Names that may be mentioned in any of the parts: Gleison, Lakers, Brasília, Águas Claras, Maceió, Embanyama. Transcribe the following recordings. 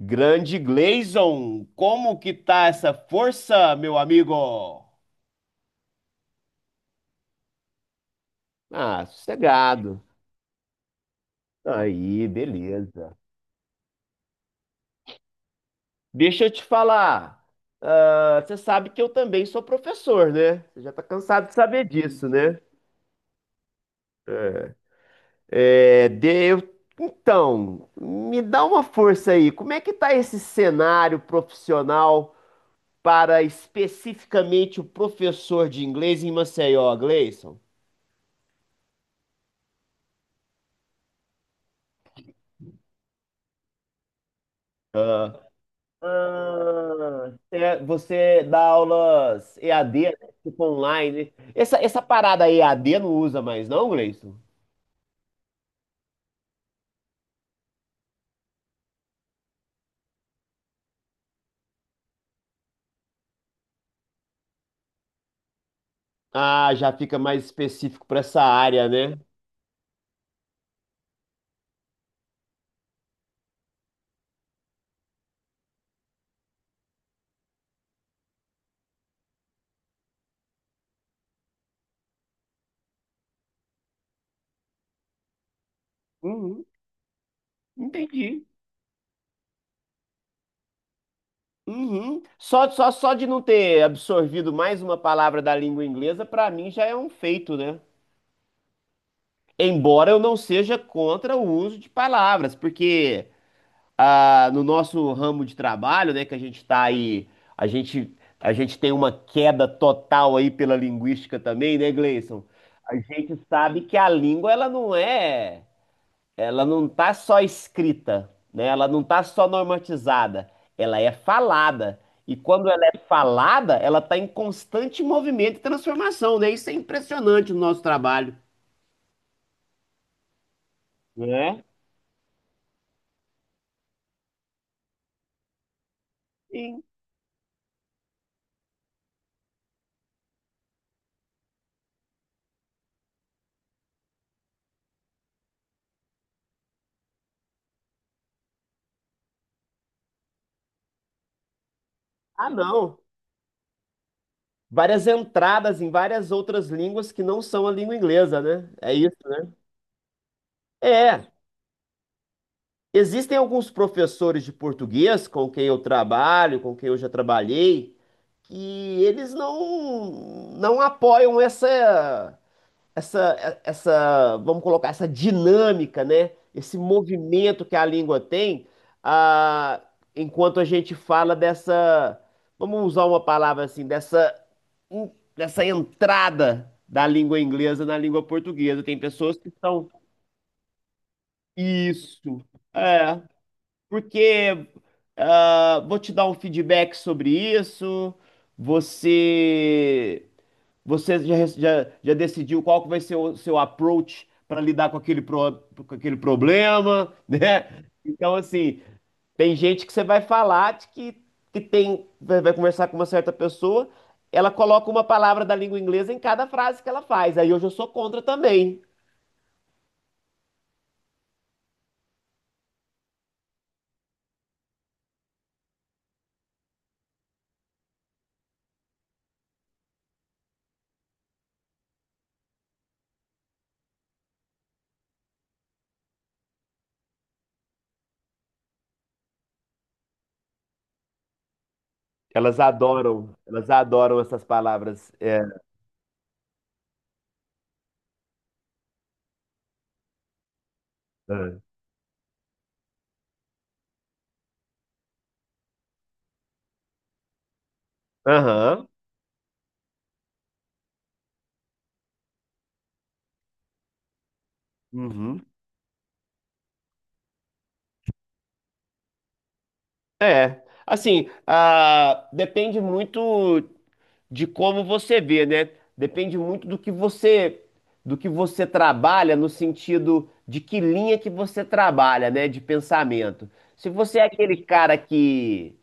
Grande Gleison, como que tá essa força, meu amigo? Ah, sossegado. Aí, beleza. Deixa eu te falar. Ah, você sabe que eu também sou professor, né? Você já tá cansado de saber disso, né? É. Então, me dá uma força aí. Como é que tá esse cenário profissional para especificamente o professor de inglês em Maceió, Gleison? Ah, é, você dá aulas EAD, né? Tipo online. Essa parada EAD não usa mais, não, Gleison? Ah, já fica mais específico para essa área, né? Uhum, entendi. Uhum. Só de não ter absorvido mais uma palavra da língua inglesa, para mim já é um feito, né? Embora eu não seja contra o uso de palavras, porque no nosso ramo de trabalho, né, que a gente está aí, a gente, a gente tem uma queda total aí pela linguística também, né, Gleison? A gente sabe que a língua, ela não tá só escrita, né? Ela não tá só normatizada, ela é falada. E quando ela é falada, ela está em constante movimento e transformação, né? Isso é impressionante no nosso trabalho. É? Sim. Ah, não. Várias entradas em várias outras línguas que não são a língua inglesa, né? É isso, né? É. Existem alguns professores de português com quem eu trabalho, com quem eu já trabalhei, que eles não apoiam essa, vamos colocar, essa dinâmica, né? Esse movimento que a língua tem, ah, enquanto a gente fala dessa, vamos usar uma palavra assim, dessa, en- dessa entrada da língua inglesa na língua portuguesa. Tem pessoas que são isso, é, porque vou te dar um feedback sobre isso. Você você já decidiu qual que vai ser o seu approach para lidar com com aquele problema, né? Então, assim, tem gente que você vai falar de vai conversar com uma certa pessoa, ela coloca uma palavra da língua inglesa em cada frase que ela faz. Aí hoje eu sou contra também. Elas adoram essas palavras. É. Ah. Aham. Uhum. É. Assim, depende muito de como você vê, né? Depende muito do que você trabalha no sentido de que linha que você trabalha, né, de pensamento. Se você é aquele cara que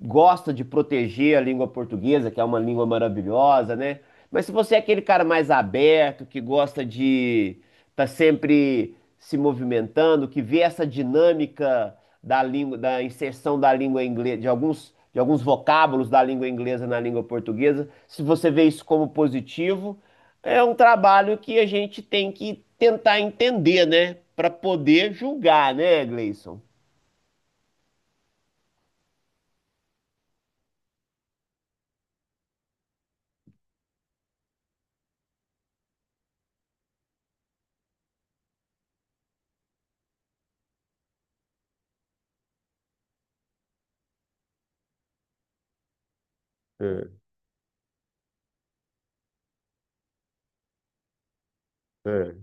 gosta de proteger a língua portuguesa, que é uma língua maravilhosa, né? Mas se você é aquele cara mais aberto, que gosta de estar sempre se movimentando, que vê essa dinâmica da língua, da inserção da língua inglesa, de alguns vocábulos da língua inglesa na língua portuguesa, se você vê isso como positivo, é um trabalho que a gente tem que tentar entender, né? Para poder julgar, né, Gleison? É, é,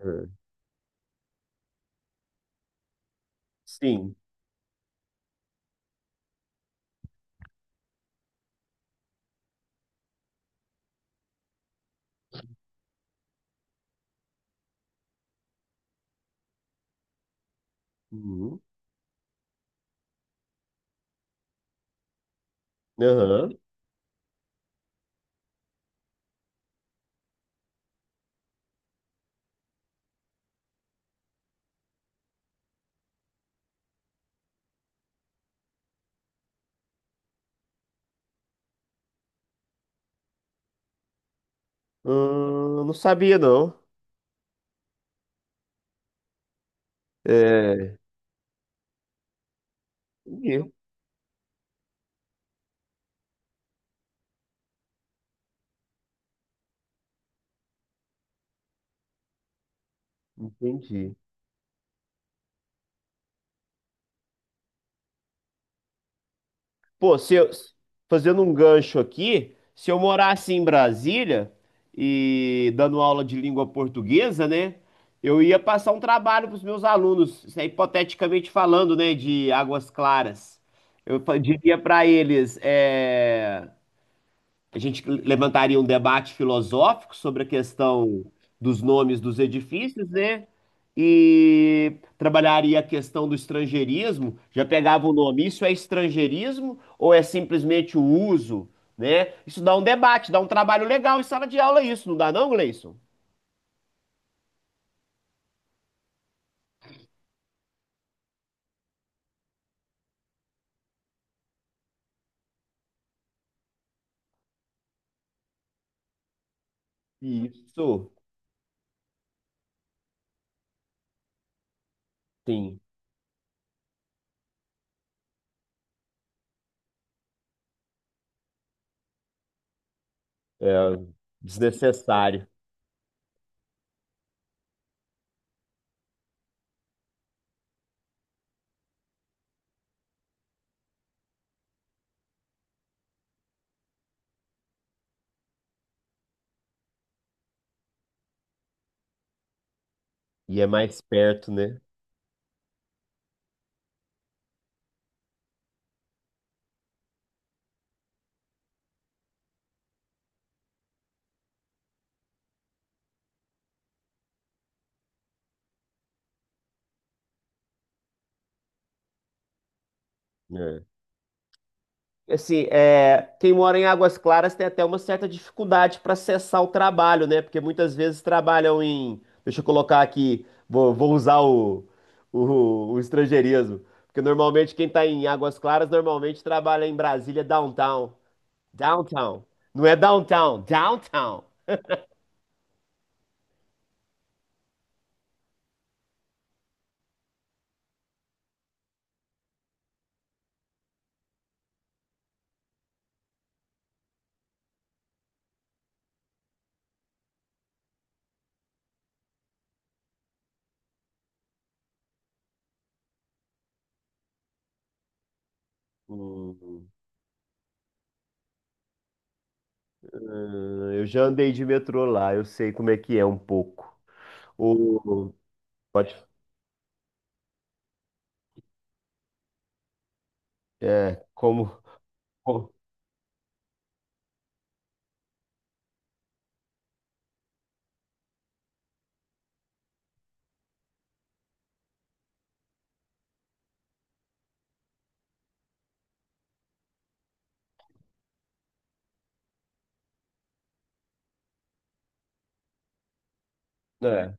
é. Sim. Uhum. Aham. Não sabia, não. É, entendi. Entendi. Pô, se eu, fazendo um gancho aqui, se eu morasse em Brasília e dando aula de língua portuguesa, né? Eu ia passar um trabalho para os meus alunos, isso é hipoteticamente falando, né, de Águas Claras. Eu diria para eles, é, a gente levantaria um debate filosófico sobre a questão dos nomes dos edifícios, né? E trabalharia a questão do estrangeirismo. Já pegava o nome, isso é estrangeirismo ou é simplesmente o uso, né? Isso dá um debate, dá um trabalho legal em sala de aula, isso, não dá não, Gleison? Isso, sim, é desnecessário. E é mais perto, né? Assim, é, quem mora em Águas Claras tem até uma certa dificuldade para acessar o trabalho, né? Porque muitas vezes trabalham em. Deixa eu colocar aqui, vou usar o estrangeirismo. Porque normalmente quem está em Águas Claras normalmente trabalha em Brasília downtown. Downtown. Não é downtown, downtown. Hum, eu já andei de metrô lá, eu sei como é que é um pouco. O, pode, é, como. Como- é.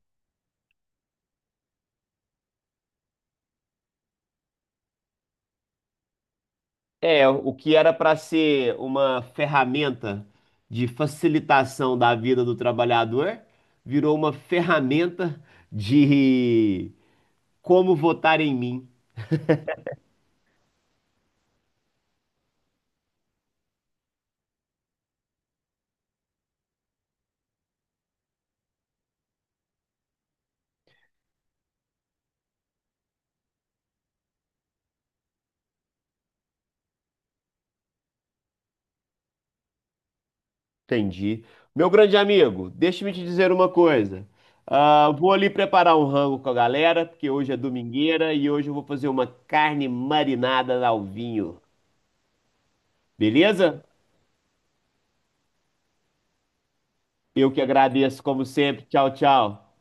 É, o que era para ser uma ferramenta de facilitação da vida do trabalhador, virou uma ferramenta de como votar em mim. Entendi. Meu grande amigo, deixa-me te dizer uma coisa. Ah, vou ali preparar um rango com a galera, porque hoje é domingueira e hoje eu vou fazer uma carne marinada ao vinho. Beleza? Eu que agradeço, como sempre. Tchau, tchau.